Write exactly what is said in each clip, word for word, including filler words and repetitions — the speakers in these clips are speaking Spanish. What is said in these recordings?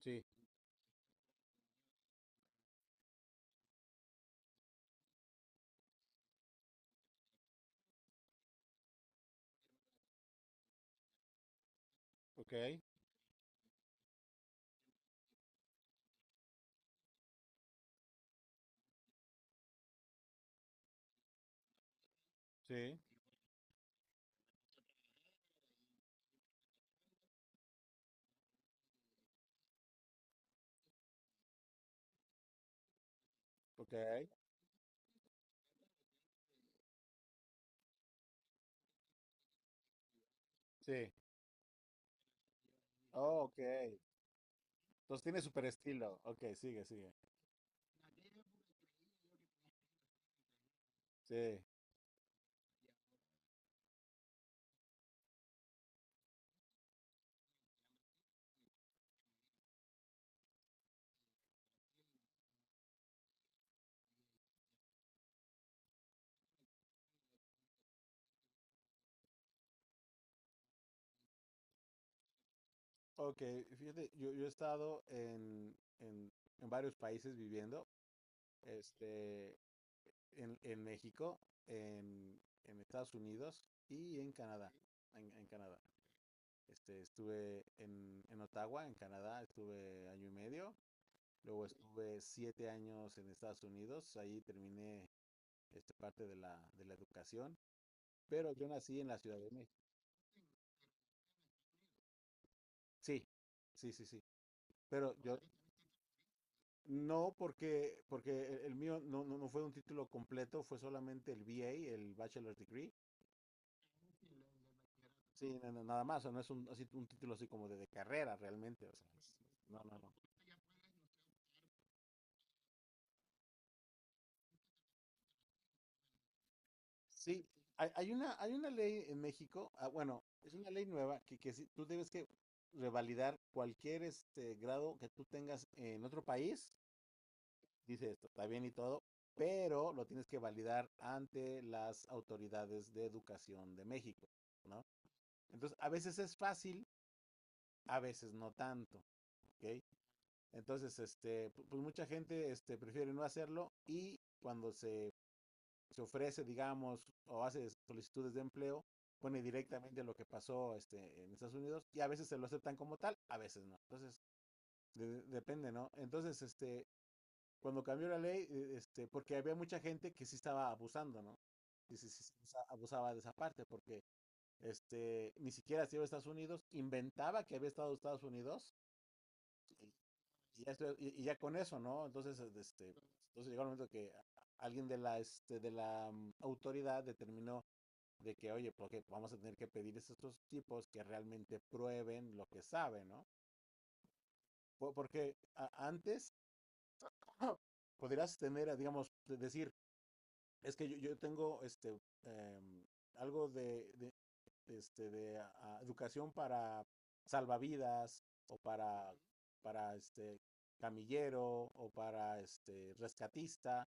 Sí, ok, sí, ok, sí, oh, ok. Entonces tiene super estilo. Ok, sigue, sigue. Sí. Ok, fíjate, yo, yo he estado en, en, en varios países viviendo, este, en, en México, en, en Estados Unidos y en Canadá. En, en Canadá. Este, estuve en, en Ottawa, en Canadá, estuve año y medio. Luego estuve siete años en Estados Unidos, ahí terminé esta parte de la, de la educación. Pero yo nací en la Ciudad de México. Sí, sí, sí, sí. Pero yo no, porque porque el, el mío no, no, no fue un título completo, fue solamente el B A, el Bachelor's Degree. Sí, na- na- nada más, o sea, no es un, así, un título así como de, de carrera realmente, o sea, es- no, no, no. Sí, hay, hay una hay una ley en México. Ah, bueno, es una ley nueva que, que sí, tú debes que revalidar cualquier este grado que tú tengas en otro país, dice esto, está bien y todo, pero lo tienes que validar ante las autoridades de educación de México, ¿no? Entonces, a veces es fácil, a veces no tanto, ¿ok? Entonces, este, pues mucha gente este, prefiere no hacerlo y cuando se, se ofrece, digamos, o hace solicitudes de empleo, pone directamente lo que pasó este, en Estados Unidos y a veces se lo aceptan como tal, a veces no. Entonces, de, depende, ¿no? Entonces, este, cuando cambió la ley, eh, este, porque había mucha gente que sí estaba abusando, ¿no? Y sí, sí, sí, abusaba de esa parte, porque este, ni siquiera se iba a Estados Unidos, inventaba que había estado en Estados Unidos, y, y, ya, y, y, ya, con eso, ¿no? Entonces, eh, este, entonces llegó el momento que alguien de la, este, de la um, autoridad determinó de que, oye, porque vamos a tener que pedir a estos tipos que realmente prueben lo que saben, ¿no? Porque a, antes podrías tener, digamos, decir, es que yo, yo tengo este em, algo de, de, este, de ah, educación para salvavidas o para, para este camillero o para este rescatista.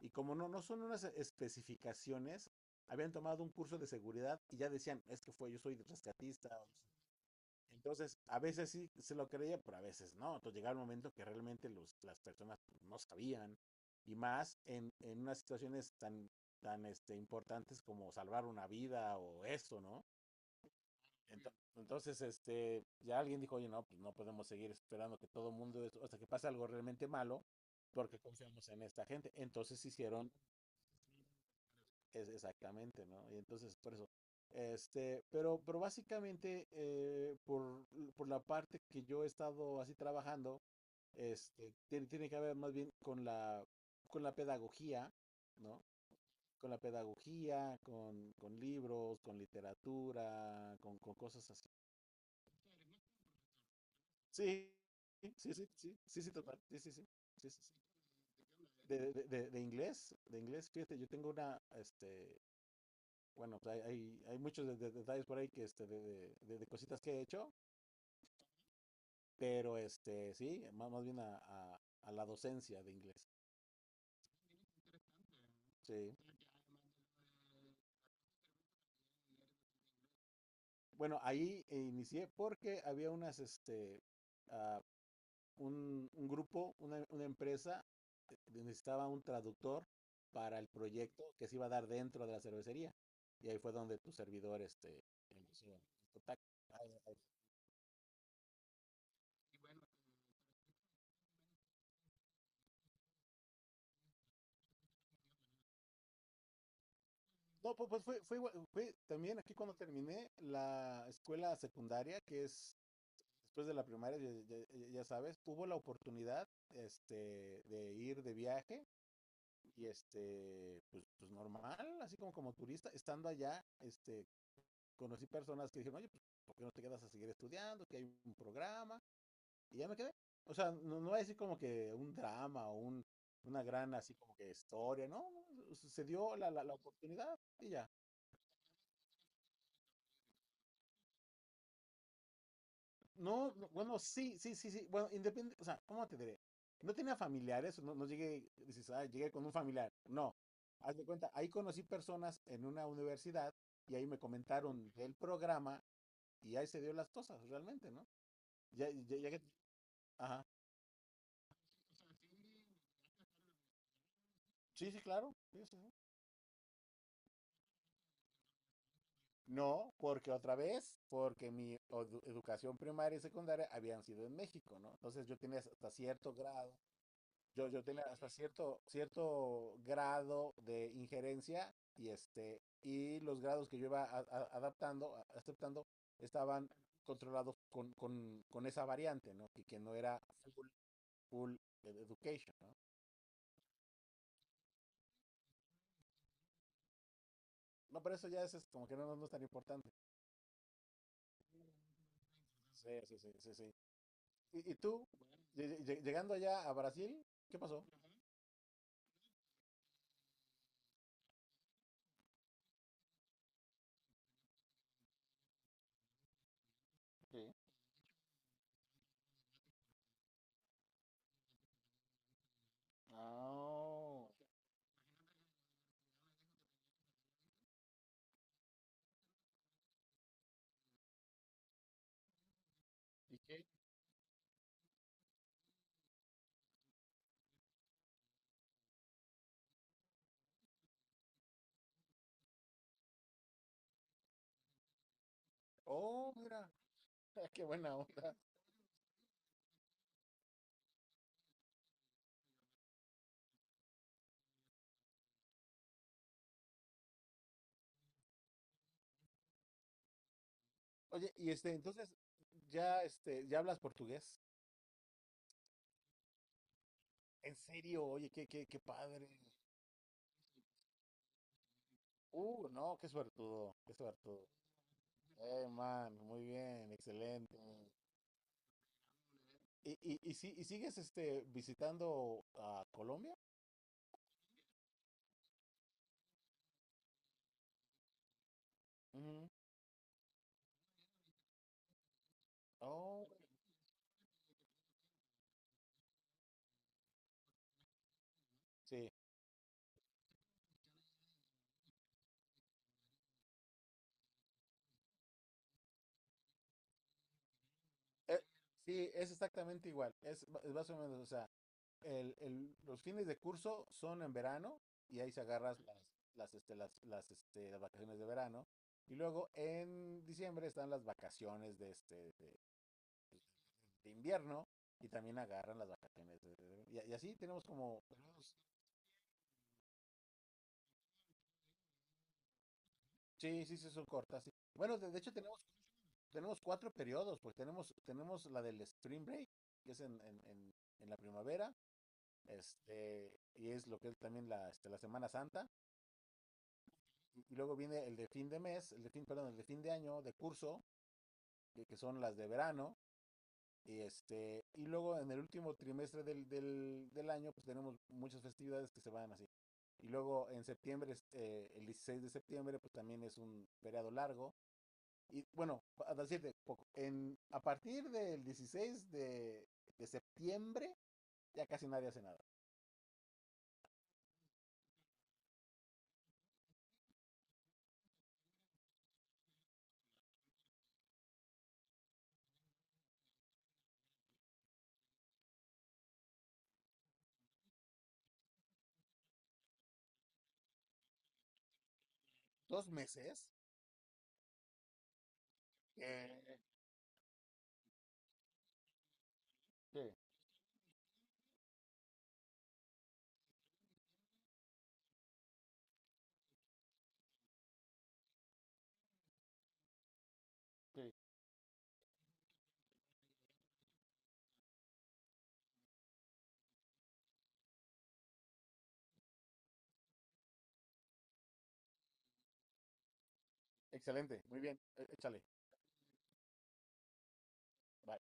Y como no, no son unas especificaciones, habían tomado un curso de seguridad y ya decían, es que fue, yo soy rescatista. O entonces, a veces sí se lo creía, pero a veces no. Entonces llegaba el momento que realmente los, las personas pues, no sabían. Y más en, en unas situaciones tan, tan este, importantes como salvar una vida o eso, ¿no? Entonces, este, ya alguien dijo, oye, no, pues no podemos seguir esperando que todo mundo, es- hasta que pase algo realmente malo, porque confiamos en esta gente. Entonces hicieron. Es exactamente, ¿no? Y entonces, por eso. Este, pero, pero básicamente, eh, por, por la parte que yo he estado así trabajando, este, tiene, tiene que ver más bien con la, con la pedagogía, ¿no? Con la pedagogía, con, con libros, con literatura, con, con cosas así. Sí, sí, sí, sí, sí, sí, total, sí, sí, sí. Sí, sí, sí. De, de, de, de inglés, de inglés, fíjate, yo tengo una, este, bueno, pues, hay, hay, hay muchos de- de- detalles por ahí que este, de, de- de- cositas que he hecho, pero este, sí, eh, más, más bien a, a- a la docencia de inglés. Sí. Bueno, ahí inicié porque había unas, este, ah, un, un grupo, una, una empresa, eh, necesitaba un traductor para el proyecto que se iba a dar dentro de la cervecería. Y ahí fue donde tu servidor, este, empezó a... No, pues, pues fue, fue igual, fue también aquí cuando terminé la escuela secundaria, que es después de la primaria, ya, ya- ya sabes, hubo la oportunidad este, de ir de viaje y este, pues, pues normal, así como como turista, estando allá, este, conocí personas que dijeron, oye, pues, ¿por qué no te quedas a seguir estudiando? Que hay un programa, y ya me quedé. O sea, no, no voy a decir como que un drama o un, una gran así como que historia, ¿no? No, no, se dio la, la, la oportunidad y ya. No, no, bueno, sí, sí, sí, sí. Bueno, independiente, o sea, ¿cómo te diré? No tenía familiares, no, no llegué, dices, ah, llegué con un familiar. No. Haz de cuenta, ahí conocí personas en una universidad y ahí me comentaron del programa y ahí se dio las cosas, realmente, ¿no? Ya, ya, ya que- ajá. Sí, sí, claro. Sí, sí, sí. No, porque otra vez, porque mi odu- educación primaria y secundaria habían sido en México, ¿no? Entonces yo tenía hasta cierto grado. Yo, yo tenía hasta cierto, cierto grado de injerencia y este, y los grados que yo iba a- a- adaptando, a- aceptando, estaban controlados con, con, con esa variante, ¿no? Y que no era full, full e-, education, ¿no? No, pero eso ya es, es como que no, no, no es tan importante. Sí, sí, sí, sí, sí. ¿Y, y tú, lle- lle- llegando allá a Brasil, qué pasó? Sí. Ah, ¿y qué? Oh, mira, qué buena onda. Oye, y este, entonces, ya, este, ya hablas portugués. En serio, oye, qué, qué, qué padre. Uh, no, qué suertudo, qué suertudo. Eh, man, muy bien, excelente. ¿Y, y, y, si- y sigues, este, visitando a Colombia? Ujú. Oh, sí. Eh, sí, es exactamente igual. Es, ma- es más o menos, o sea, el- el- los fines de curso son en verano y ahí se agarras las, las, este, las, las, este, las vacaciones de verano. Y luego en diciembre están las vacaciones de, este, de, de invierno y también agarran las vacaciones. De- de- y, y así tenemos como... tenemos- sí, sí, sí, son cortas. Sí. Bueno, de, de hecho tenemos, tenemos cuatro periodos, porque tenemos, tenemos la del Spring Break, que es en, en, en en la primavera. Este, y es lo que es también la, este, la Semana Santa. Y, y luego viene el de fin de mes, el de fin, perdón, el de fin de año, de curso, que, que son las de verano. Y, este, y luego en el último trimestre del, del, del año, pues tenemos muchas festividades que se van así. Y luego en septiembre, eh, el dieciséis de septiembre, pues también es un feriado largo. Y bueno, a decirte poco, en, a partir del dieciséis de, de septiembre, ya casi nadie hace nada. Dos meses. Eh, sí, sí. Excelente, muy bien, e- échale. Bye.